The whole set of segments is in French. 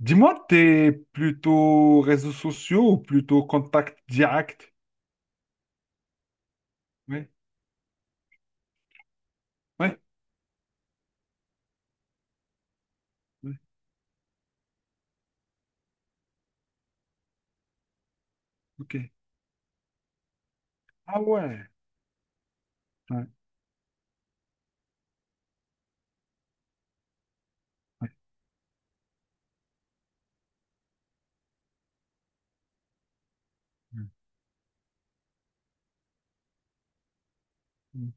Dis-moi, t'es plutôt réseaux sociaux ou plutôt contact direct? Oui, oui, oui, ok. Ah ouais. Ouais, ouais, ouais.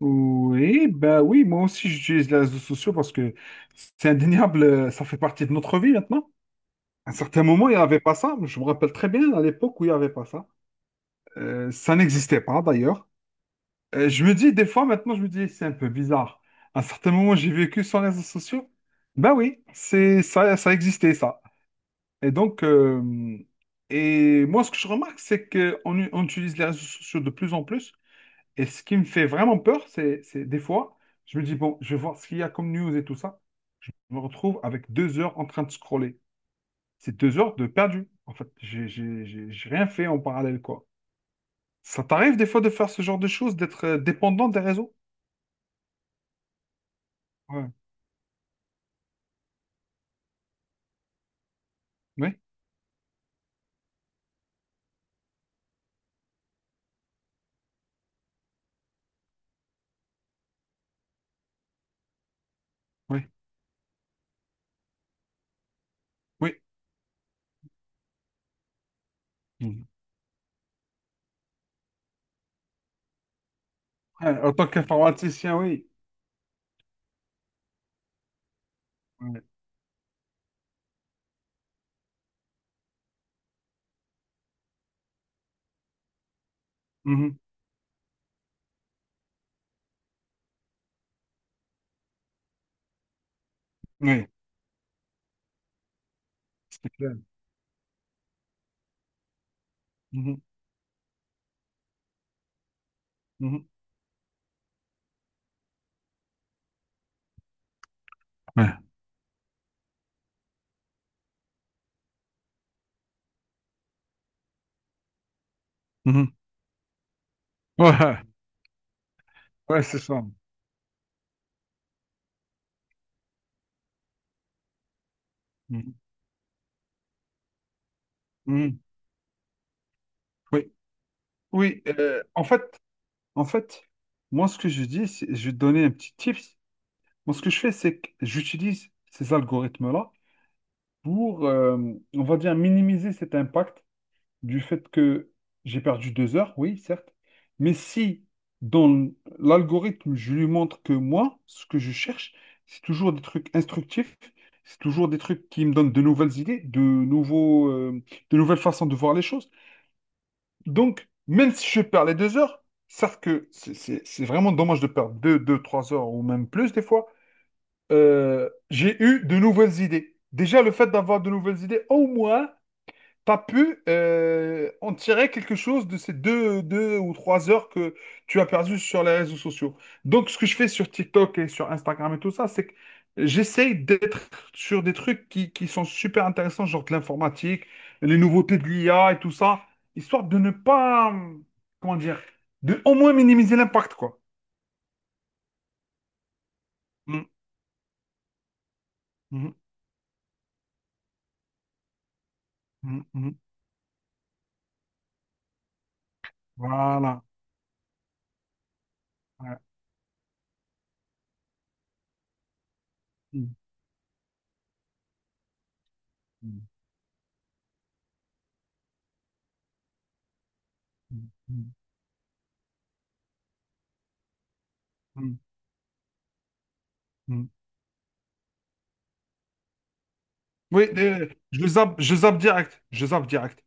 Oui, ben oui, moi aussi j'utilise les réseaux sociaux parce que c'est indéniable, ça fait partie de notre vie maintenant. À un certain moment, il n'y avait pas ça. Je me rappelle très bien à l'époque où il n'y avait pas ça. Ça n'existait pas d'ailleurs. Je me dis, des fois maintenant, je me dis, c'est un peu bizarre. À un certain moment, j'ai vécu sans réseaux sociaux. Ben oui, c'est ça, ça existait ça. Et donc, et moi, ce que je remarque, c'est qu'on on utilise les réseaux sociaux de plus en plus. Et ce qui me fait vraiment peur, c'est des fois, je me dis, bon, je vais voir ce qu'il y a comme news et tout ça. Je me retrouve avec deux heures en train de scroller. C'est deux heures de perdu. En fait, j'ai rien fait en parallèle, quoi. Ça t'arrive des fois de faire ce genre de choses, d'être dépendant des réseaux? Ouais. Oui, oui, oui. Mhm. Ouais, en tant qu'informaticien, oui. Ouais. Mhm. Oui, c'est clair. Mhm. Mhm. Ouais. Mhm. Ouais. Ouais, c'est ça. Mhm. Mhm. Oui, oui. En fait, Moi, ce que je dis, je vais te donner un petit tips. Moi, ce que je fais, c'est que j'utilise ces algorithmes-là pour, on va dire, minimiser cet impact du fait que j'ai perdu deux heures, oui, certes. Mais si dans l'algorithme, je lui montre que moi, ce que je cherche, c'est toujours des trucs instructifs, c'est toujours des trucs qui me donnent de nouvelles idées, de nouveaux, de nouvelles façons de voir les choses. Donc, même si je perds les deux heures, certes que c'est vraiment dommage de perdre deux, trois heures ou même plus des fois, j'ai eu de nouvelles idées. Déjà, le fait d'avoir de nouvelles idées, au moins, pas pu en tirer quelque chose de ces deux ou trois heures que tu as perdu sur les réseaux sociaux. Donc, ce que je fais sur TikTok et sur Instagram et tout ça, c'est que j'essaye d'être sur des trucs qui sont super intéressants, genre de l'informatique, les nouveautés de l'IA et tout ça, histoire de ne pas, comment dire, de au moins minimiser l'impact, quoi. Mm, mm, mm, mm. Voilà. Ouais. Mm, mm, mm, mm, mm, mm. Oui, je zappe direct, je zappe direct.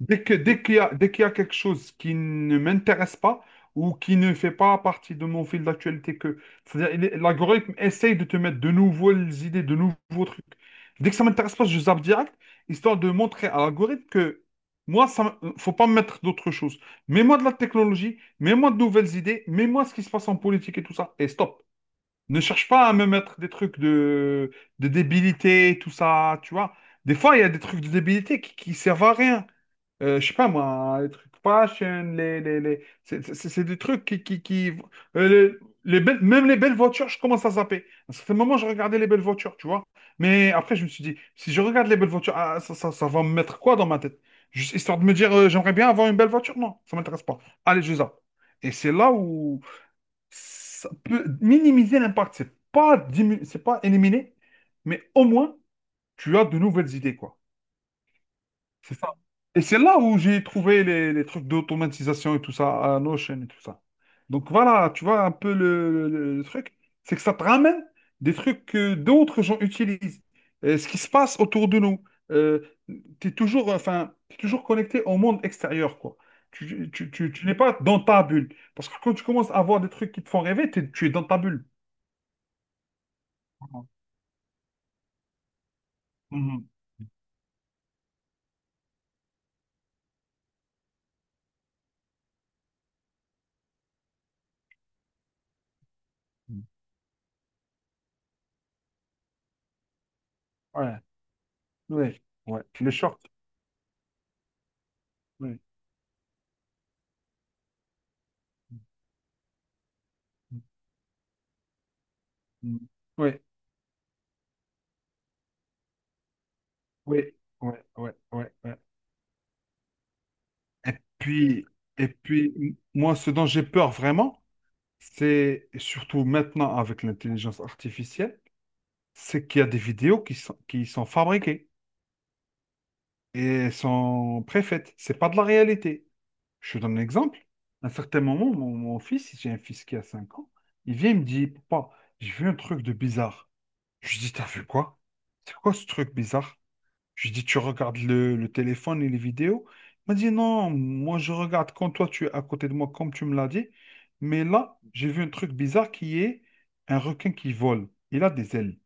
Dès qu'il y a, dès qu'il y a quelque chose qui ne m'intéresse pas ou qui ne fait pas partie de mon fil d'actualité c'est-à-dire, l'algorithme essaye de te mettre de nouvelles idées, de nouveaux trucs. Dès que ça m'intéresse pas, je zappe direct, histoire de montrer à l'algorithme que moi, ça, faut pas me mettre d'autres choses. Mets-moi de la technologie, mets-moi de nouvelles idées, mets-moi ce qui se passe en politique et tout ça, et stop. Ne cherche pas à me mettre des trucs de débilité, tout ça, tu vois. Des fois, il y a des trucs de débilité qui servent à rien. Je sais pas, moi, les trucs fashion, les... C'est des trucs qui... qui... euh, les Même les belles voitures, je commence à zapper. À un certain moment, je regardais les belles voitures, tu vois. Mais après, je me suis dit, si je regarde les belles voitures, ah, ça va me mettre quoi dans ma tête? Juste histoire de me dire, j'aimerais bien avoir une belle voiture? Non, ça m'intéresse pas. Allez, je zappe. Et c'est là où ça peut minimiser l'impact. C'est pas éliminer, mais au moins tu as de nouvelles idées, quoi. C'est ça. Et c'est là où j'ai trouvé les trucs d'automatisation et tout ça, à Notion et tout ça. Donc voilà, tu vois un peu le truc, c'est que ça te ramène des trucs que d'autres gens utilisent, ce qui se passe autour de nous. Euh, T'es toujours, enfin, t'es toujours connecté au monde extérieur, quoi. Tu n'es pas dans ta bulle. Parce que quand tu commences à voir des trucs qui te font rêver, tu es dans ta bulle. Mhm. Ouais, ouais, ouais. Le short. Ouais. Mm. Ouais, ouais, ouais, ouais, ouais, ouais. Et puis, et puis, moi, ce dont j'ai peur vraiment, c'est et surtout maintenant avec l'intelligence artificielle, c'est qu'il y a des vidéos qui sont fabriquées et sont préfaites. C'est pas de la réalité. Je te donne un exemple. À un certain moment, mon fils, j'ai un fils qui a 5 ans, il vient, il me dit, Papa, j'ai vu un truc de bizarre. Je lui dis, t'as vu quoi? C'est quoi ce truc bizarre? Je lui dis, tu regardes le téléphone et les vidéos? Il m'a dit, non, moi je regarde quand toi tu es à côté de moi, comme tu me l'as dit. Mais là, j'ai vu un truc bizarre qui est un requin qui vole. Il a des ailes.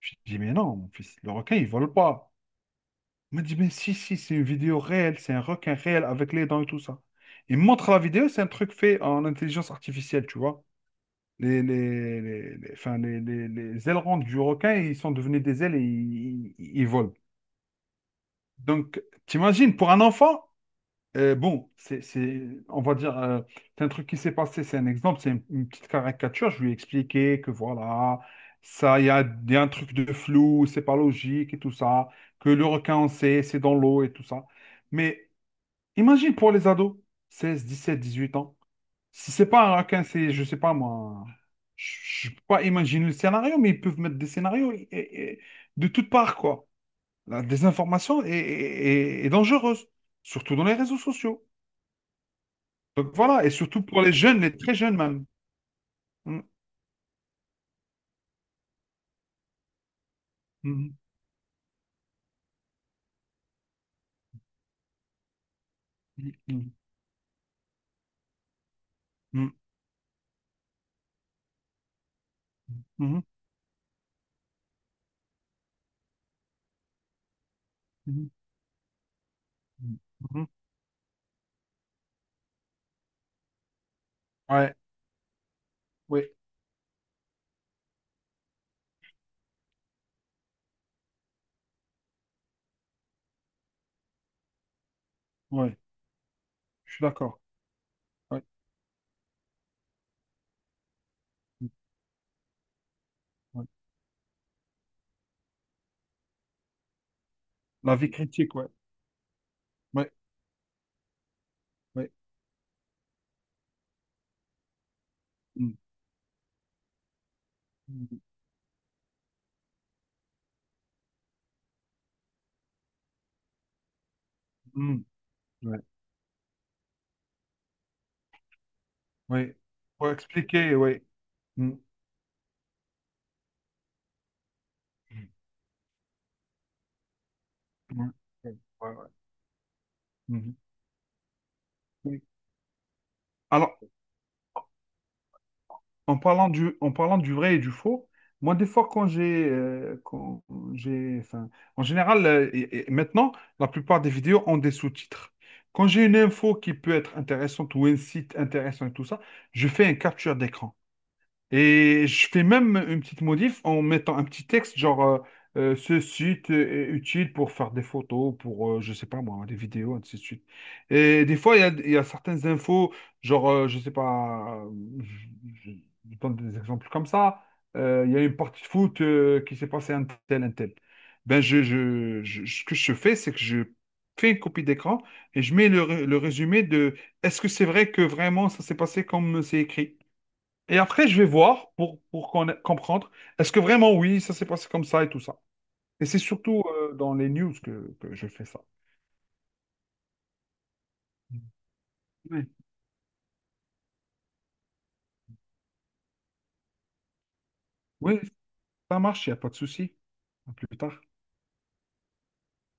Je lui dis, mais non, mon fils, le requin, il vole pas. Il m'a dit, mais si, si, c'est une vidéo réelle, c'est un requin réel avec les dents et tout ça. Il me montre la vidéo, c'est un truc fait en intelligence artificielle, tu vois. Enfin, les ailerons du requin, ils sont devenus des ailes et ils volent. Donc, t'imagines, pour un enfant, bon, c'est, on va dire, c'est un truc qui s'est passé, c'est un exemple, c'est une petite caricature. Je lui ai expliqué que voilà, ça, il y a un truc de flou, c'est pas logique et tout ça, que le requin, on sait, c'est dans l'eau et tout ça. Mais imagine pour les ados, seize dix sept dix huit ans. Si c'est pas un requin, c'est, je sais pas moi, je peux pas imaginer le scénario, mais ils peuvent mettre des scénarios de toutes parts, quoi. La désinformation est dangereuse, surtout dans les réseaux sociaux. Donc voilà, et surtout pour les jeunes, les très jeunes même. Mm, mhm, mhm, mhm, mhm, mhm, mhm, mhm. Ouais, ouais, ouais, je suis d'accord. Ouais, mm, ouais. La vie critique, ouais, ouais, ouais. Mm, mm, mm, ouais, ouais. Faut expliquer, ouais. Mm. Ouais, ouais, ouais. Mhm. Oui. Alors, en parlant du vrai et du faux, moi, des fois, quand j'ai, enfin, en général, et maintenant, la plupart des vidéos ont des sous-titres. Quand j'ai une info qui peut être intéressante ou un site intéressant et tout ça, je fais un capture d'écran. Et je fais même une petite modif en mettant un petit texte, genre ce site est utile pour faire des photos, pour, je sais pas moi, des vidéos, ainsi de suite. Et des fois, il y a certaines infos, genre, je sais pas, je, je- je donne des exemples comme ça. Il y a une partie de foot qui s'est passée un tel, un tel. Ben, ce que je fais, c'est que je fais une copie d'écran et je mets le résumé de est-ce que c'est vrai que vraiment ça s'est passé comme c'est écrit? Et après, je vais voir pour comprendre, est-ce que vraiment, oui, ça s'est passé comme ça et tout ça. Et c'est surtout dans les news que je fais ça. Oui, oui, ça marche, il n'y a pas de souci. À plus tard.